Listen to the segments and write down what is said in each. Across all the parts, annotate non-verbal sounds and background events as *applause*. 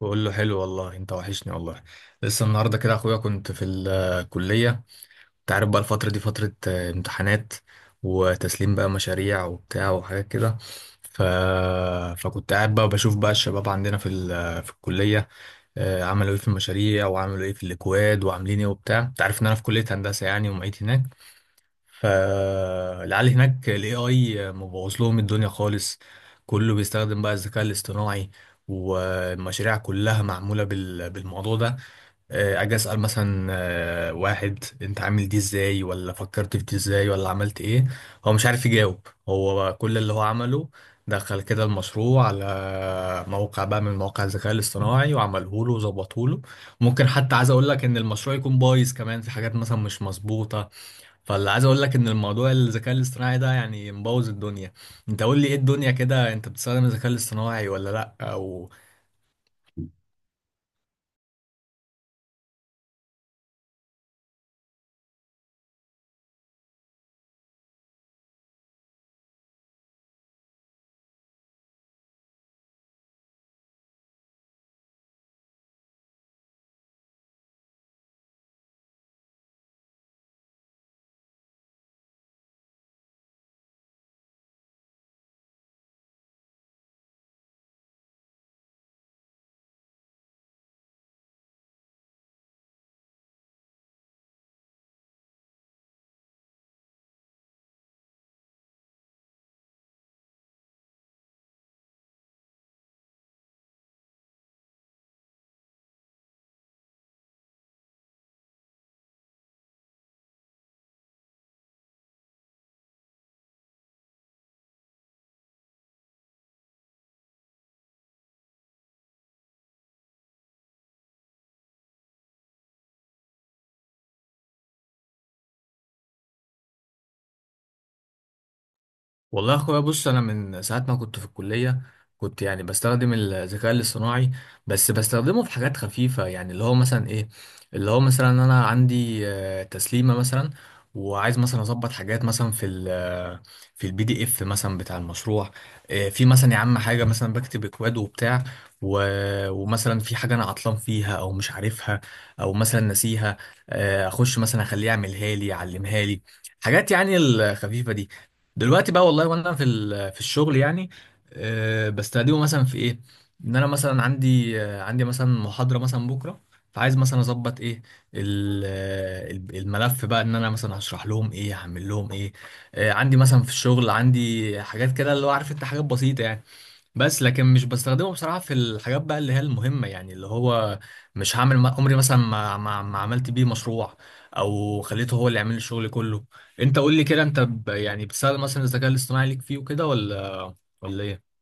بقول له حلو، والله انت وحشني والله. لسه النهارده كده اخويا كنت في الكليه. انت عارف بقى الفتره دي فتره امتحانات وتسليم بقى مشاريع وبتاع وحاجات كده. ف... فكنت قاعد بقى بشوف بقى الشباب عندنا في الكليه. عملوا ايه في المشاريع وعملوا ايه في الاكواد وعاملين ايه وبتاع. انت عارف ان انا في كليه هندسه يعني ومعيد هناك. فالعيال هناك ال AI مبوظ لهم الدنيا خالص. كله بيستخدم بقى الذكاء الاصطناعي، والمشاريع كلها معمولة بالموضوع ده. أجي أسأل مثلا، واحد، أنت عامل دي إزاي، ولا فكرت في دي إزاي، ولا عملت إيه. هو مش عارف يجاوب. هو كل اللي هو عمله دخل كده المشروع على موقع بقى من مواقع الذكاء الاصطناعي وعمله له وظبطه له. ممكن حتى عايز اقول لك ان المشروع يكون بايظ كمان في حاجات مثلا مش مظبوطة. فاللي عايز اقول لك ان الموضوع الذكاء الاصطناعي ده يعني مبوظ الدنيا. انت قول لي ايه الدنيا كده، انت بتستخدم الذكاء الاصطناعي ولا لا، او؟ والله يا اخويا بص، انا من ساعه ما كنت في الكليه كنت يعني بستخدم الذكاء الاصطناعي، بس بستخدمه في حاجات خفيفه، يعني اللي هو مثلا ايه. اللي هو مثلا انا عندي تسليمه مثلا، وعايز مثلا اظبط حاجات مثلا في ال آه، في البي دي اف مثلا بتاع المشروع. في مثلا يا عم حاجه مثلا بكتب اكواد وبتاع، ومثلا في حاجه انا عطلان فيها او مش عارفها او مثلا ناسيها. اخش مثلا اخليه يعملها لي يعلمها لي، حاجات يعني الخفيفه دي. دلوقتي بقى والله، وانا في الشغل يعني بستخدمه مثلا في ايه. ان انا مثلا عندي، عندي مثلا محاضره مثلا بكره، فعايز مثلا اظبط ايه، الملف بقى، ان انا مثلا هشرح لهم ايه هعمل لهم ايه. عندي مثلا في الشغل عندي حاجات كده اللي هو عارف انت، حاجات بسيطه يعني. بس لكن مش بستخدمه بصراحة في الحاجات بقى اللي هي المهمة، يعني اللي هو مش هعمل، عمري مثلا ما عملت بيه مشروع، او خليته هو اللي يعمل لي الشغل كله. انت قول لي كده، انت يعني بتستخدم مثلا الذكاء الاصطناعي ليك فيه وكده، ولا ايه؟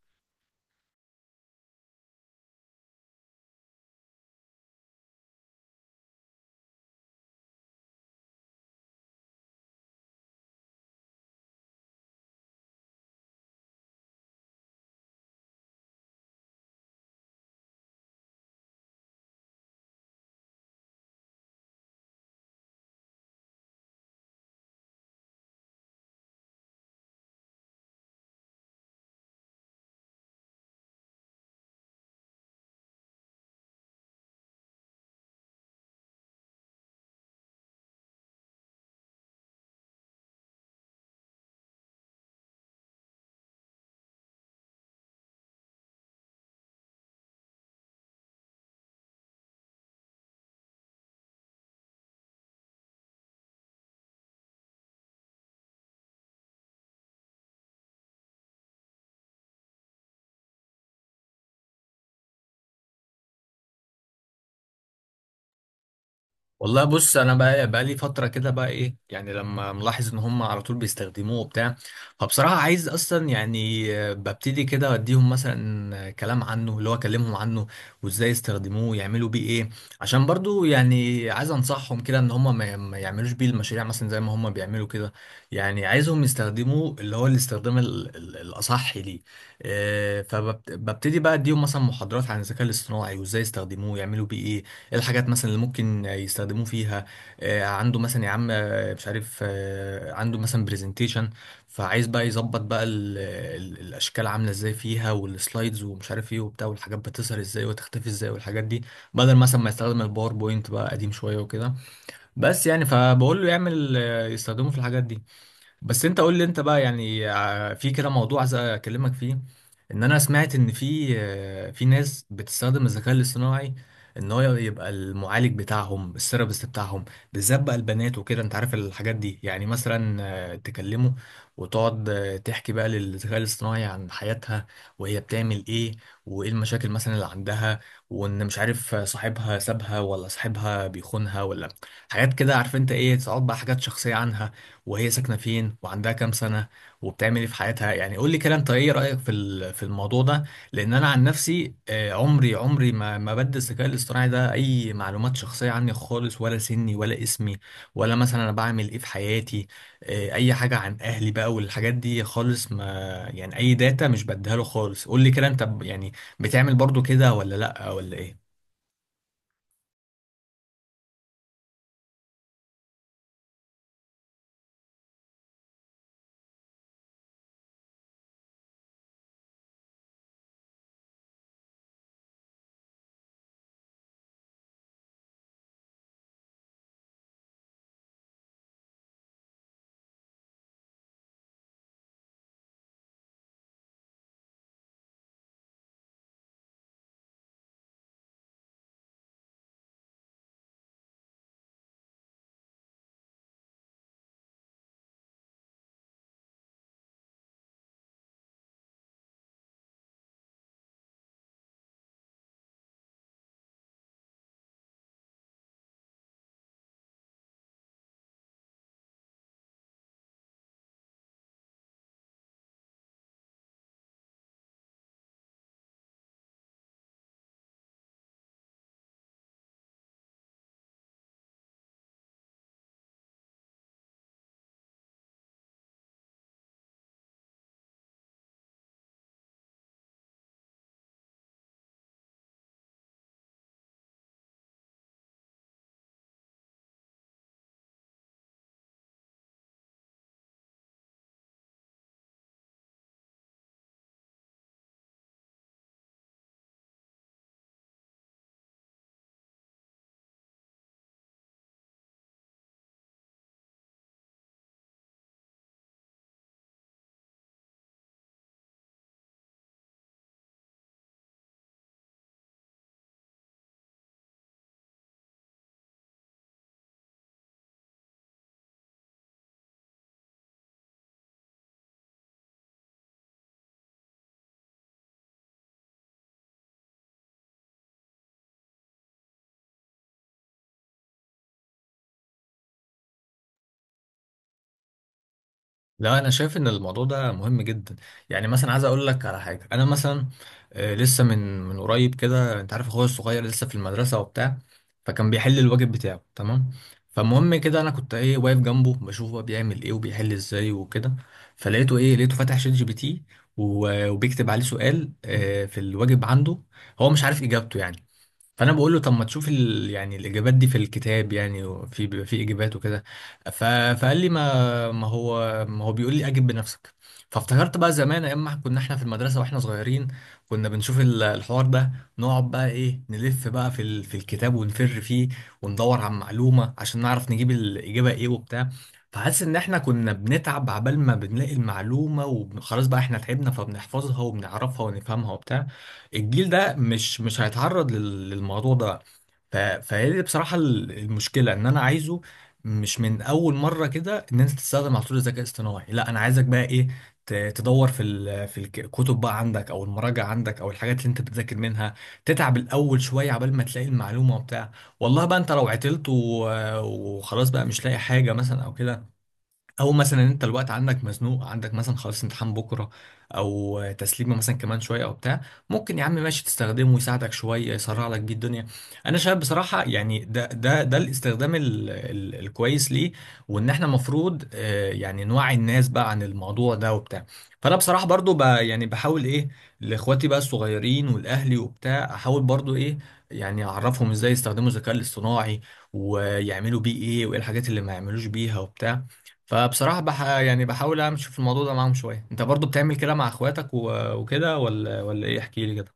والله بص، انا بقى لي فتره كده بقى ايه، يعني لما ملاحظ ان هم على طول بيستخدموه وبتاع. فبصراحه عايز اصلا يعني ببتدي كده اديهم مثلا كلام عنه، اللي هو اكلمهم عنه وازاي يستخدموه يعملوا بيه ايه، عشان برضو يعني عايز انصحهم كده ان هم ما يعملوش بيه المشاريع مثلا زي ما هم بيعملوا كده. يعني عايزهم يستخدموه اللي هو الاستخدام الاصح ليه. فببتدي بقى اديهم مثلا محاضرات عن الذكاء الاصطناعي وازاي يستخدموه يعملوا بيه ايه، ايه الحاجات مثلا اللي ممكن يستخدموه فيها. عنده مثلا يا عم، مش عارف، عنده مثلا برزنتيشن، فعايز بقى يظبط بقى ال ال الاشكال عامله ازاي فيها، والسلايدز ومش عارف ايه وبتاع، والحاجات بتظهر ازاي وتختفي ازاي والحاجات دي، بدل مثلا ما يستخدم الباوربوينت بقى قديم شويه وكده. بس يعني فبقول له يعمل، يستخدمه في الحاجات دي. بس انت قول لي، انت بقى يعني في كده موضوع عايز اكلمك فيه. ان انا سمعت ان في، في ناس بتستخدم الذكاء الاصطناعي ان هو يبقى المعالج بتاعهم، الثيرابيست بتاعهم، بالذات بقى البنات وكده، انت عارف الحاجات دي يعني، مثلا تكلمه، وتقعد تحكي بقى للذكاء الاصطناعي عن حياتها، وهي بتعمل ايه، وايه المشاكل مثلا اللي عندها، وان مش عارف صاحبها سابها ولا صاحبها بيخونها، ولا حاجات كده عارف انت ايه، تقعد بقى حاجات شخصية عنها، وهي ساكنة فين، وعندها كام سنة، وبتعمل ايه في حياتها. يعني قول لي كده، انت ايه رأيك في الموضوع ده؟ لان انا عن نفسي، عمري ما بدي الذكاء الاصطناعي ده اي معلومات شخصية عني خالص، ولا سني، ولا اسمي، ولا مثلا انا بعمل ايه في حياتي، اي حاجة عن اهلي بقى والحاجات دي خالص ما، يعني اي داتا مش بديها له خالص. قول لي كده، انت يعني بتعمل برضو كده ولا لا، ولا ايه؟ لا انا شايف ان الموضوع ده مهم جدا يعني مثلا عايز اقول لك على حاجه انا مثلا آه، لسه من من قريب كده انت عارف اخويا الصغير لسه في المدرسه وبتاع فكان بيحل الواجب بتاعه تمام فالمهم كده انا كنت ايه واقف جنبه بشوف هو بيعمل ايه وبيحل ازاي وكده فلقيته ايه لقيته فاتح شات جي بي تي و- وبيكتب عليه سؤال آه، في الواجب عنده هو مش عارف اجابته يعني فانا بقول له طب ما تشوف ال... يعني الاجابات دي في الكتاب يعني وفي بيبقى في اجابات وكده ف... فقال لي ما ما هو ما هو بيقول لي اجب بنفسك فافتكرت بقى زمان ايام ما كنا احنا في المدرسه واحنا صغيرين كنا بنشوف ال- الحوار ده نقعد بقى ايه نلف بقى في ال... في الكتاب ونفر فيه وندور على معلومه عشان نعرف نجيب الاجابه ايه وبتاع فحاسس ان احنا كنا بنتعب عبال ما بنلاقي المعلومه وخلاص بقى احنا تعبنا فبنحفظها وبنعرفها ونفهمها وبتاع الجيل ده مش مش هيتعرض لل- للموضوع ده ف... فهي دي بصراحة ال- المشكلة ان انا عايزه مش من اول مرة كده ان انت تستخدم على طول الذكاء الاصطناعي لا انا عايزك بقى ايه ت- تدور في ال... في الك- الكتب بقى عندك او المراجع عندك او الحاجات اللي انت بتذاكر منها تتعب الاول شوية عبال ما تلاقي المعلومة وبتاع والله بقى انت لو عطلت و... وخلاص بقى مش لاقي حاجة مثلا او كده او مثلا انت الوقت عندك مزنوق عندك مثلا خلاص امتحان بكره او تسليمه مثلا كمان شويه او بتاع ممكن يا عم ماشي تستخدمه يساعدك شويه يسرع لك بيه الدنيا انا شايف بصراحه يعني ده ده ده الاستخدام ال ال الكويس ليه وان احنا المفروض يعني نوعي الناس بقى عن الموضوع ده وبتاع فانا بصراحه برضو ب يعني بحاول ايه لاخواتي بقى الصغيرين والاهلي وبتاع احاول برضو ايه يعني اعرفهم ازاي يستخدموا الذكاء الاصطناعي ويعملوا بيه ايه وايه الحاجات اللي ما يعملوش بيها وبتاع فبصراحة بح يعني بحاول امشي في الموضوع ده معاهم شوية انت برضو بتعمل كده مع اخواتك و- وكده ولا ولا ايه احكي لي كده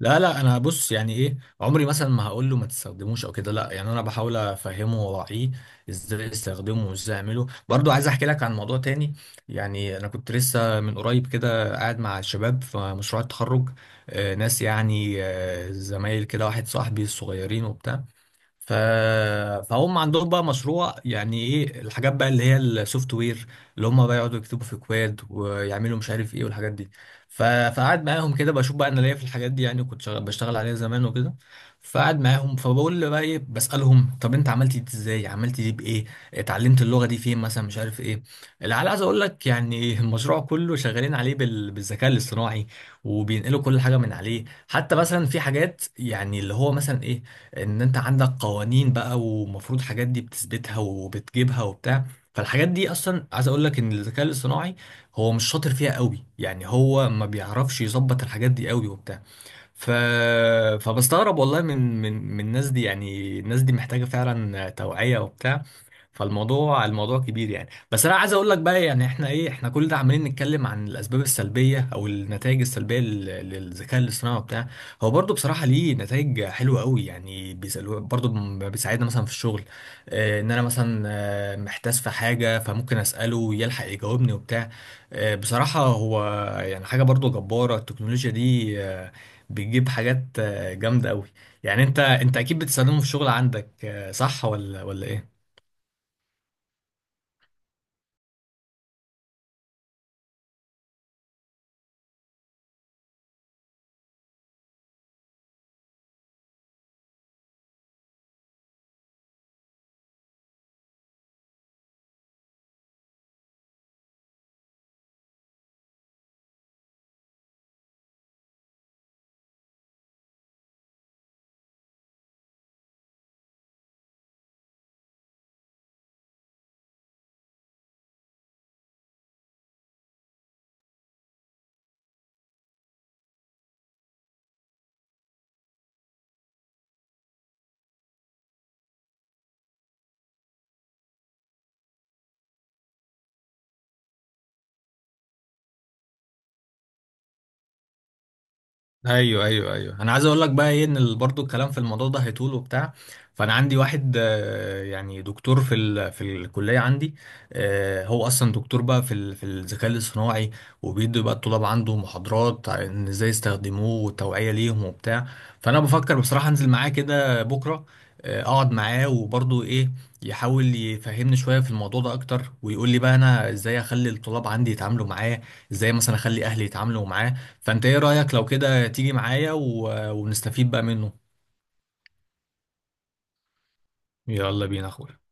لا لا، انا بص، يعني ايه، عمري مثلا ما هقول له ما تستخدموش او كده. لا، يعني انا بحاول افهمه واوعيه ازاي استخدمه وازاي اعمله. برضو عايز احكي لك عن موضوع تاني. يعني انا كنت لسه من قريب كده قاعد مع الشباب في مشروع التخرج، ناس يعني زمايل كده، واحد صاحبي الصغيرين وبتاع. ف... فهم عندهم بقى مشروع، يعني ايه الحاجات بقى اللي هي السوفت وير، اللي هم بقى يقعدوا يكتبوا في كواد ويعملوا مش عارف ايه والحاجات دي. فقعد معاهم كده بشوف بقى، انا ليا في الحاجات دي يعني، كنت بشتغل عليها زمان وكده. فقعد معاهم فبقول له بقى ايه، بسألهم طب انت عملت دي ازاي، عملت دي بايه، اتعلمت اللغة دي فين مثلا، مش عارف ايه. اللي عايز اقول لك يعني *laughs* المشروع كله شغالين عليه بالذكاء الاصطناعي، وبينقلوا كل حاجة من عليه. حتى مثلا في حاجات يعني اللي هو مثلا ايه، ان انت عندك قوانين بقى ومفروض حاجات دي بتثبتها وبتجيبها وبتاع، فالحاجات دي اصلا عايز اقول لك ان الذكاء الاصطناعي هو مش شاطر فيها قوي يعني، هو ما بيعرفش يظبط الحاجات دي قوي وبتاع. ف... فبستغرب والله من الناس دي، يعني الناس دي محتاجة فعلا توعية وبتاع. فالموضوع كبير يعني. بس انا عايز اقول لك بقى يعني احنا ايه، احنا كل ده عمالين نتكلم عن الاسباب السلبيه او النتائج السلبيه للذكاء الاصطناعي وبتاع. هو برضو بصراحه ليه نتائج حلوه قوي يعني، بيسألوا برضو بيساعدنا مثلا في الشغل. ان انا مثلا محتاس في حاجه فممكن اساله يلحق يجاوبني وبتاع. بصراحه هو يعني حاجه برضو جباره، التكنولوجيا دي بتجيب حاجات جامده قوي. يعني انت اكيد بتستخدمه في الشغل عندك، صح ولا ولا ايه؟ ايوه ايوه ايوه، انا عايز اقول لك بقى ايه ان برضو الكلام في الموضوع ده هيطول وبتاع. فانا عندي واحد يعني دكتور في الكليه عندي، هو اصلا دكتور بقى في الذكاء الاصطناعي، وبيدي بقى الطلاب عنده محاضرات عن ازاي يستخدموه والتوعيه ليهم وبتاع. فانا بفكر بصراحه انزل معاه كده بكره، اقعد معاه وبرضو ايه، يحاول يفهمني شويه في الموضوع ده اكتر، ويقول لي بقى انا ازاي اخلي الطلاب عندي يتعاملوا معاه، ازاي مثلا اخلي اهلي يتعاملوا معاه. فانت ايه رأيك لو كده تيجي معايا ونستفيد بقى منه؟ يلا بينا يا اخويا.